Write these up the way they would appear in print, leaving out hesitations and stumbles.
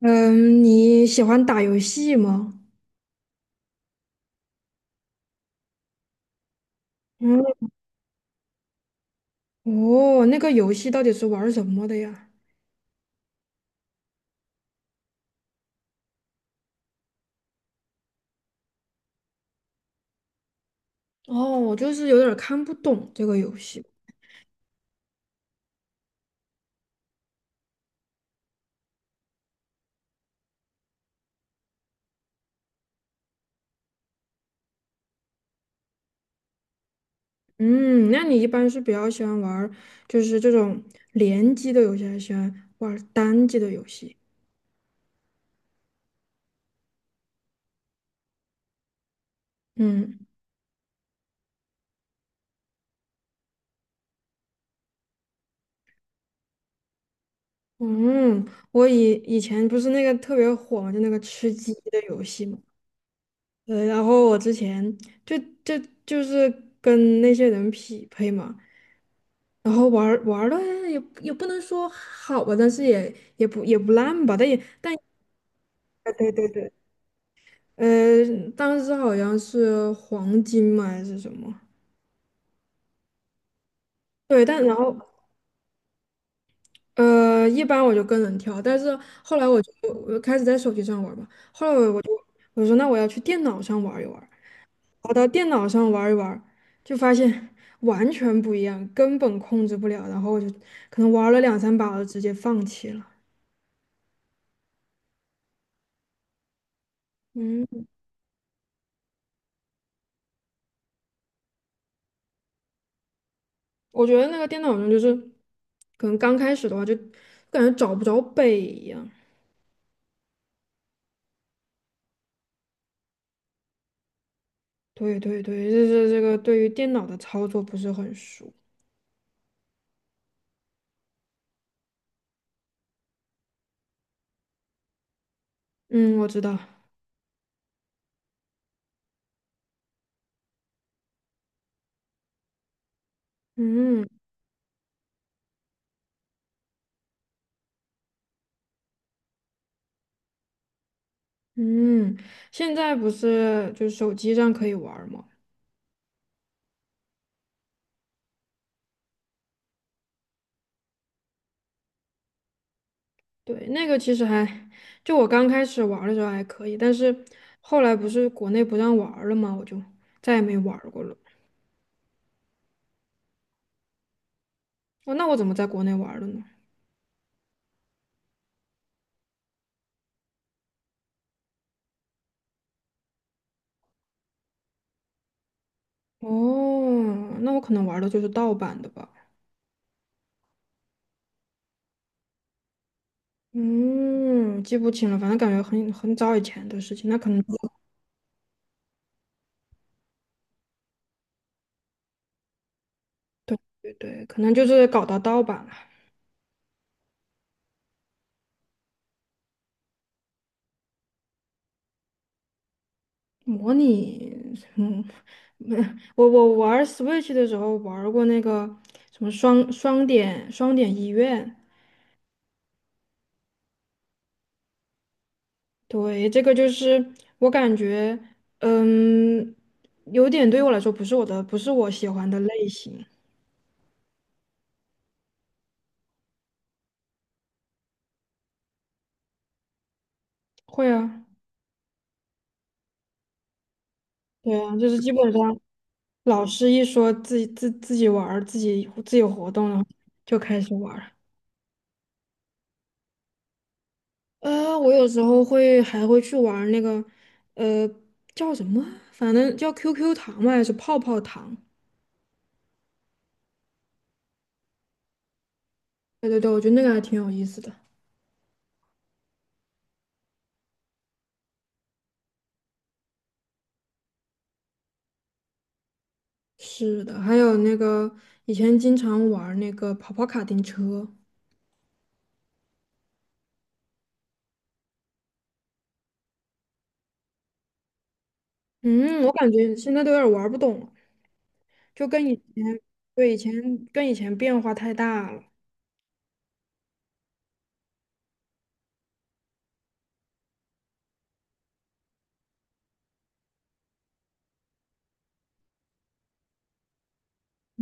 嗯，你喜欢打游戏吗？嗯，哦，那个游戏到底是玩儿什么的呀？哦，我就是有点儿看不懂这个游戏。嗯，那你一般是比较喜欢玩儿，就是这种联机的游戏，还是喜欢玩儿单机的游戏？嗯嗯，我以前不是那个特别火嘛，就那个吃鸡的游戏嘛。然后我之前就就就是跟那些人匹配嘛。然后玩儿玩儿的也不能说好吧，但是也不烂吧，但对对对，当时好像是黄金嘛还是什么，对，但然后一般我就跟人跳，但是后来我就开始在手机上玩儿嘛，后来我说那我要去电脑上玩一玩儿，跑到电脑上玩一玩儿，就发现 完全不一样，根本控制不了，然后我就可能玩了两三把，我就直接放弃了。嗯。我觉得那个电脑上就是，可能刚开始的话就感觉找不着北一样。对对对，就是这个对于电脑的操作不是很熟。嗯，我知道。嗯嗯，现在不是就是手机上可以玩儿吗？对，那个其实还，就我刚开始玩儿的时候还可以，但是后来不是国内不让玩儿了吗？我就再也没玩儿过了。哦，那我怎么在国内玩儿了呢？哦，那我可能玩儿的就是盗版的吧。嗯，记不清了，反正感觉很早以前的事情，那可能就对对对，可能就是搞到盗版了。模拟，嗯，没我玩 Switch 的时候玩过那个什么双点医院，对，这个就是我感觉，嗯，有点对我来说不是我的，不是我喜欢的类型。会啊，对啊，就是基本上老师一说自己玩儿自己活动，了，就开始玩。我有时候会还会去玩儿那个，呃，叫什么啊？反正叫 QQ 糖嘛，还是泡泡糖？对对对，我觉得那个还挺有意思的。是的，还有那个以前经常玩儿那个跑跑卡丁车，嗯，我感觉现在都有点儿玩儿不懂了，就跟以前，对，跟以前变化太大了。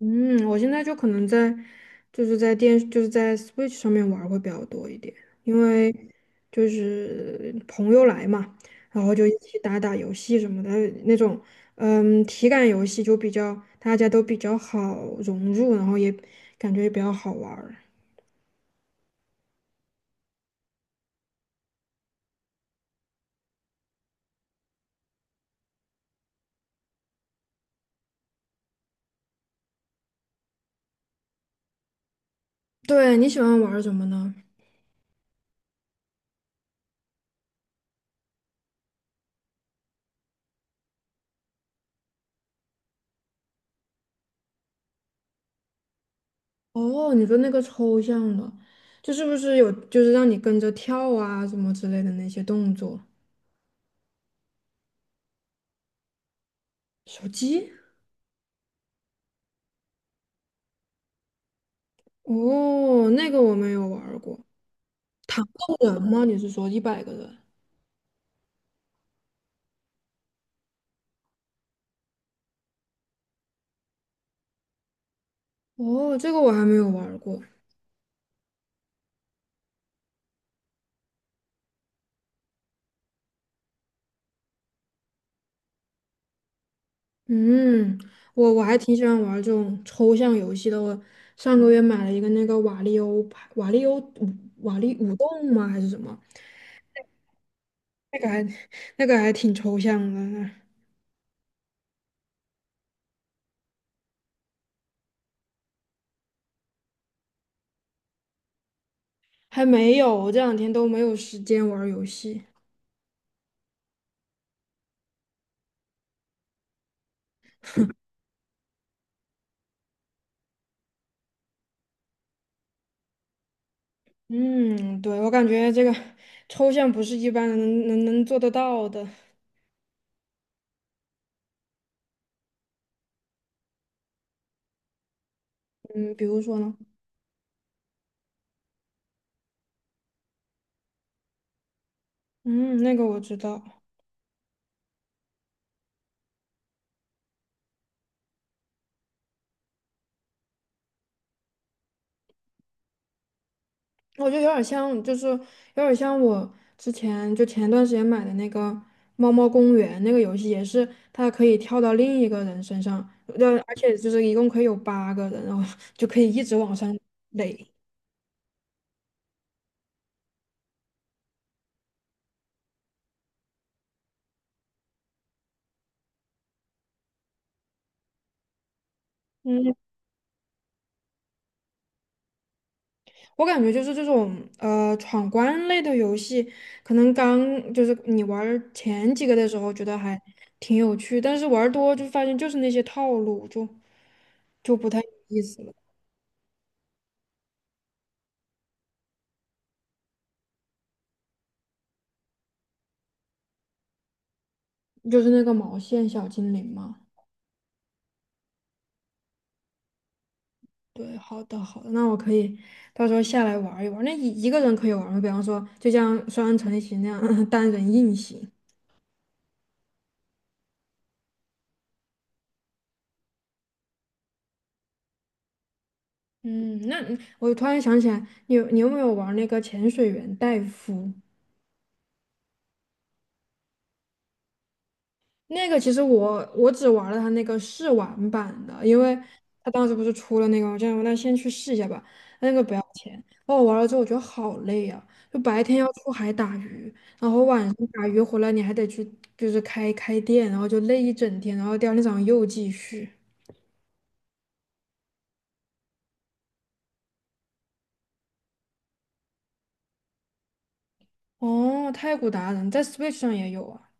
嗯，我现在就可能在，就是在电，就是在 Switch 上面玩儿会比较多一点，因为就是朋友来嘛，然后就一起打打游戏什么的那种，嗯，体感游戏就比较大家都比较好融入，然后也感觉也比较好玩儿。对，你喜欢玩儿什么呢？哦，你说那个抽象的，就是不是有就是让你跟着跳啊什么之类的那些动作？手机？哦，那个我没有玩儿过。糖豆人吗？你是说100个人？哦，这个我还没有玩儿过。嗯，我还挺喜欢玩儿这种抽象游戏的。我上个月买了一个那个瓦力欧牌，瓦力欧舞瓦力舞动吗？还是什么？那个还那个还挺抽象的，还没有，这2天都没有时间玩儿游戏。嗯，对，我感觉这个抽象不是一般人能做得到的。嗯，比如说呢？嗯，那个我知道。我觉得有点像，就是有点像我之前就前段时间买的那个《猫猫公园》那个游戏，也是它可以跳到另一个人身上，而且就是一共可以有8个人，然后 就可以一直往上垒。嗯，我感觉就是这种闯关类的游戏，可能刚就是你玩儿前几个的时候觉得还挺有趣，但是玩儿多就发现就是那些套路，就不太有意思了，就是那个毛线小精灵嘛。对，好的好的，那我可以到时候下来玩一玩那一个人可以玩吗？比方说，就像双人成行那样 单人硬行。嗯，那你我突然想起来，你有没有玩那个潜水员戴夫？那个其实我只玩了他那个试玩版的，因为他当时不是出了那个，我这样那先去试一下吧，那个不要钱。然我玩了之后，我觉得好累啊，就白天要出海打鱼，然后晚上打鱼回来你还得去就是开店，然后就累一整天，然后第二天早上又继续。哦，太古达人在 Switch 上也有啊，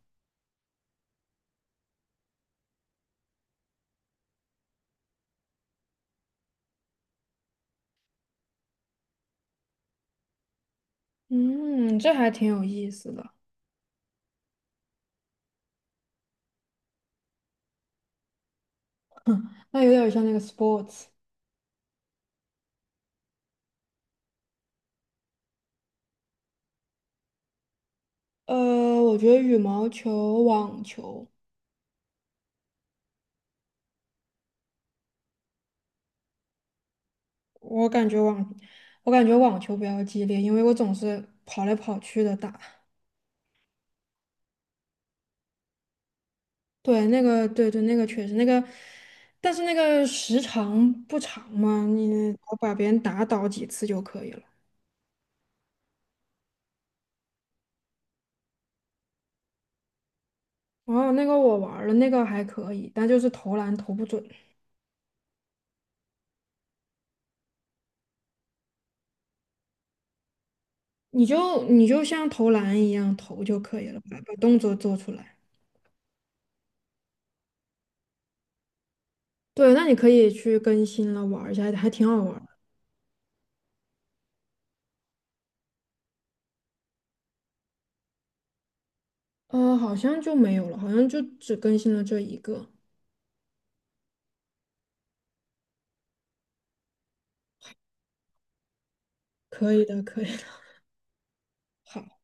嗯，这还挺有意思的，那有点像那个 sports。我觉得羽毛球、网球。我感觉网，我感觉网球比较激烈，因为我总是跑来跑去的打。对，那个，对对，那个确实那个，但是那个时长不长嘛，你我把别人打倒几次就可以了。哦，那个我玩儿了，那个还可以，但就是投篮投不准，你就像投篮一样投就可以了，把动作做出来。对，那你可以去更新了玩儿一下，还挺好玩儿的。好像就没有了，好像就只更新了这一个。可以的，可以的。好。